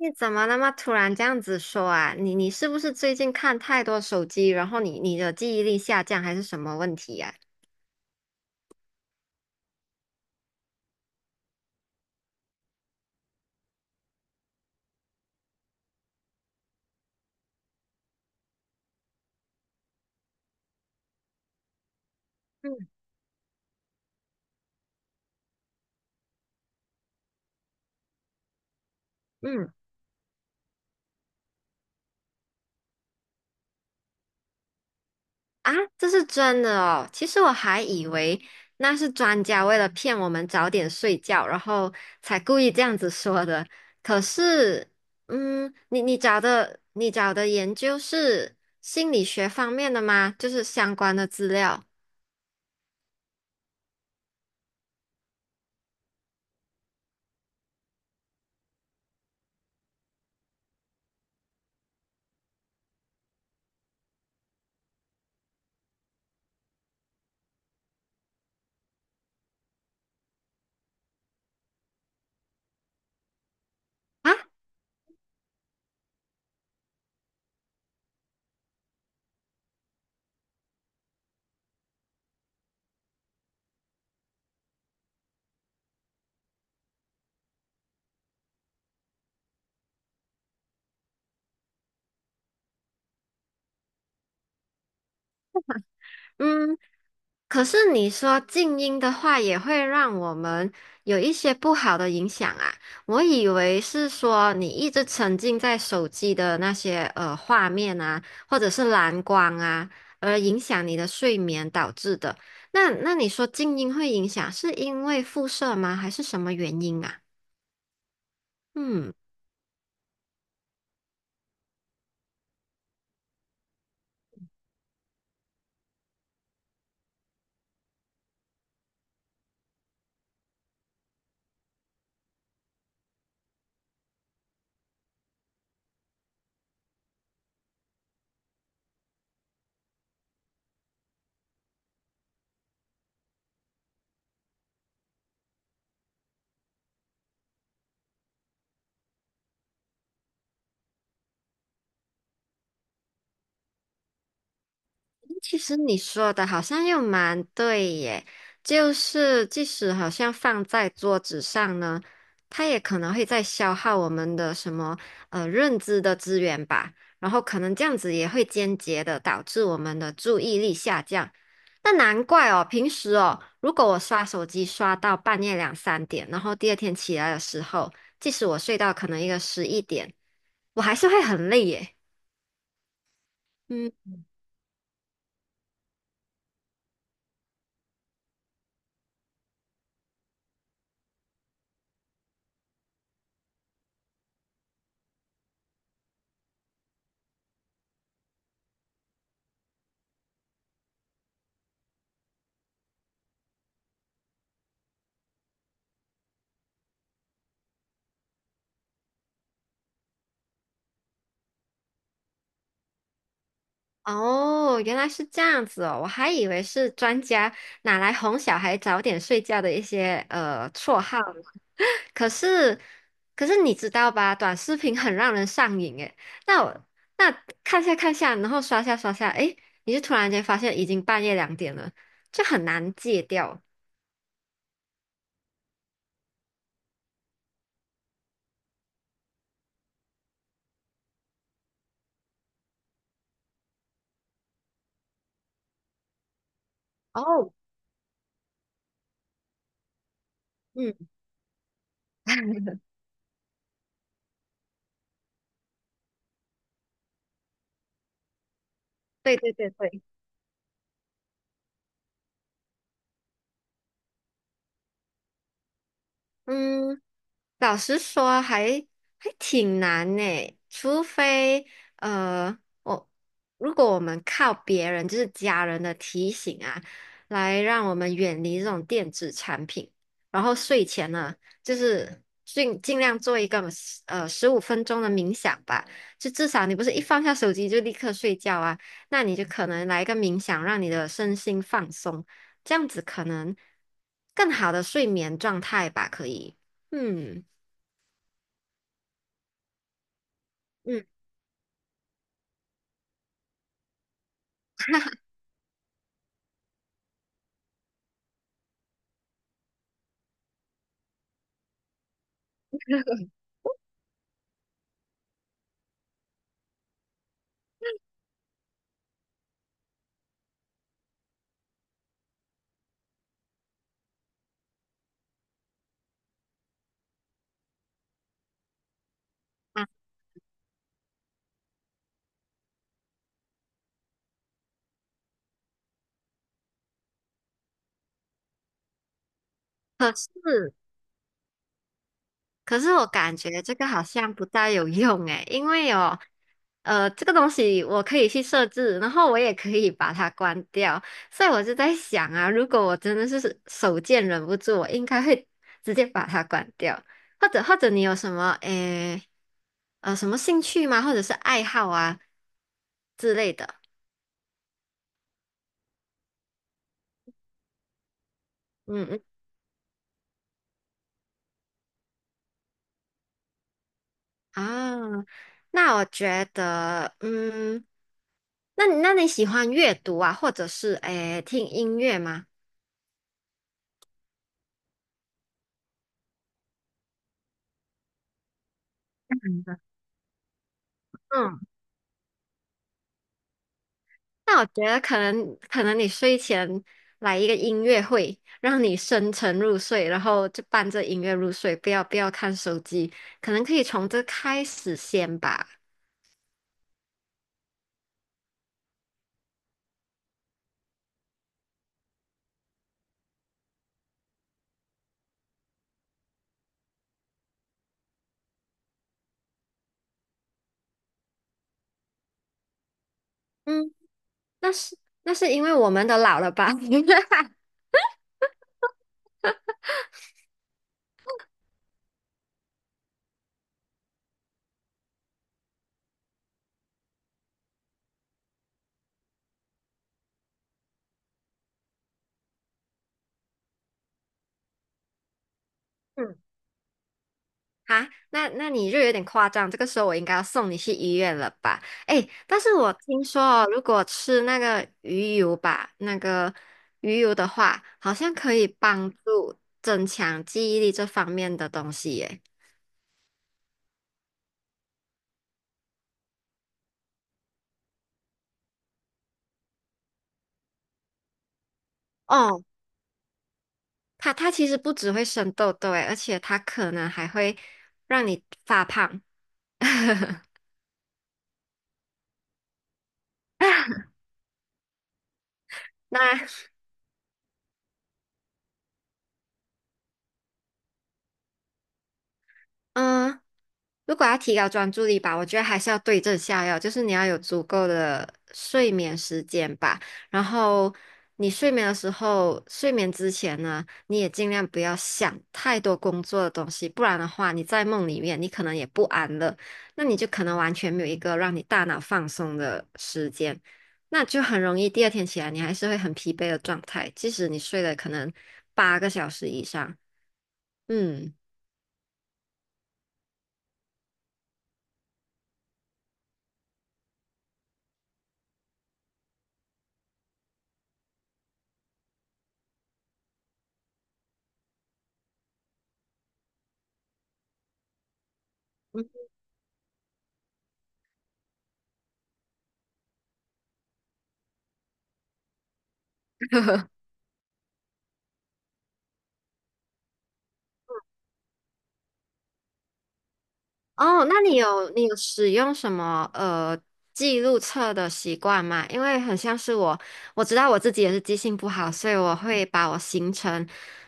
你怎么那么突然这样子说啊？你是不是最近看太多手机，然后你的记忆力下降，还是什么问题呀、嗯，嗯啊，这是真的哦。其实我还以为那是专家为了骗我们早点睡觉，然后才故意这样子说的。可是，嗯，你找的研究是心理学方面的吗？就是相关的资料啊？嗯，可是你说静音的话，也会让我们有一些不好的影响啊。我以为是说你一直沉浸在手机的那些画面啊，或者是蓝光啊，而影响你的睡眠导致的。那你说静音会影响，是因为辐射吗？还是什么原因啊？嗯。其实你说的好像又蛮对耶，就是即使好像放在桌子上呢，它也可能会在消耗我们的什么认知的资源吧，然后可能这样子也会间接的导致我们的注意力下降。那难怪哦，平时哦，如果我刷手机刷到半夜2、3点，然后第二天起来的时候，即使我睡到可能一个11点，我还是会很累耶。嗯。哦，原来是这样子哦，我还以为是专家拿来哄小孩早点睡觉的一些绰号，可是可是你知道吧，短视频很让人上瘾诶。那我那看下看下，然后刷下刷下，诶，你就突然间发现已经半夜2点了，就很难戒掉。哦，嗯，对对对对，嗯。老实说还，还挺难呢。除非呃，我如果我们靠别人，就是家人的提醒啊，来让我们远离这种电子产品，然后睡前呢，就是尽量做一个15分钟的冥想吧，就至少你不是一放下手机就立刻睡觉啊，那你就可能来一个冥想，让你的身心放松，这样子可能更好的睡眠状态吧，可以。嗯。嗯，可是可是我感觉这个好像不大有用诶，因为哦，这个东西我可以去设置，然后我也可以把它关掉，所以我就在想啊，如果我真的是手贱忍不住，我应该会直接把它关掉，或者你有什么诶什么兴趣吗？或者是爱好啊之类的？嗯嗯。啊，那我觉得，嗯，那你喜欢阅读啊，或者是诶听音乐吗？嗯嗯那我觉得可能你睡前来一个音乐会，让你深沉入睡，然后就伴着音乐入睡，不要看手机，可能可以从这开始先吧。嗯，那是那是因为我们都老了吧？嗯。啊，那你就有点夸张，这个时候我应该要送你去医院了吧？哎，但是我听说哦，如果吃那个鱼油吧，那个鱼油的话，好像可以帮助增强记忆力这方面的东西耶。哦，它其实不只会生痘痘诶，而且它可能还会让你发胖。那嗯，如果要提高专注力吧，我觉得还是要对症下药，就是你要有足够的睡眠时间吧。然后你睡眠的时候，睡眠之前呢，你也尽量不要想太多工作的东西，不然的话，你在梦里面你可能也不安乐，那你就可能完全没有一个让你大脑放松的时间，那就很容易第二天起来你还是会很疲惫的状态，即使你睡了可能8个小时以上，嗯。哦，那你有使用什么记录册的习惯吗？因为很像是我，我知道我自己也是记性不好，所以我会把我行程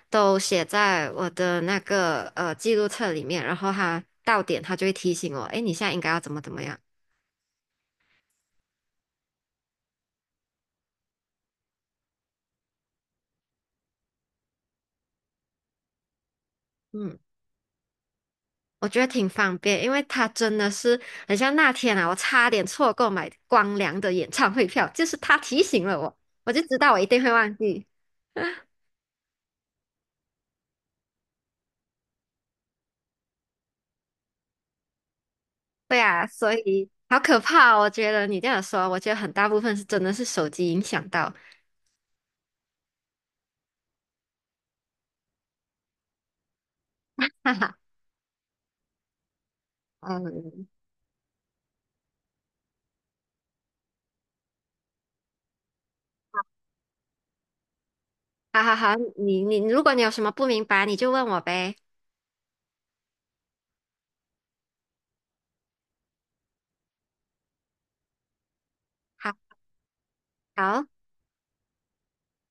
都写在我的那个记录册里面，然后它到点它就会提醒我，诶，你现在应该要怎么怎么样。嗯，我觉得挺方便，因为它真的是很像那天啊，我差点错过买光良的演唱会票，就是他提醒了我，我就知道我一定会忘记。对啊，所以好可怕哦我觉得你这样说，我觉得很大部分是真的是手机影响到，哈哈，嗯，好好好，你如果你有什么不明白，你就问我呗。好，好。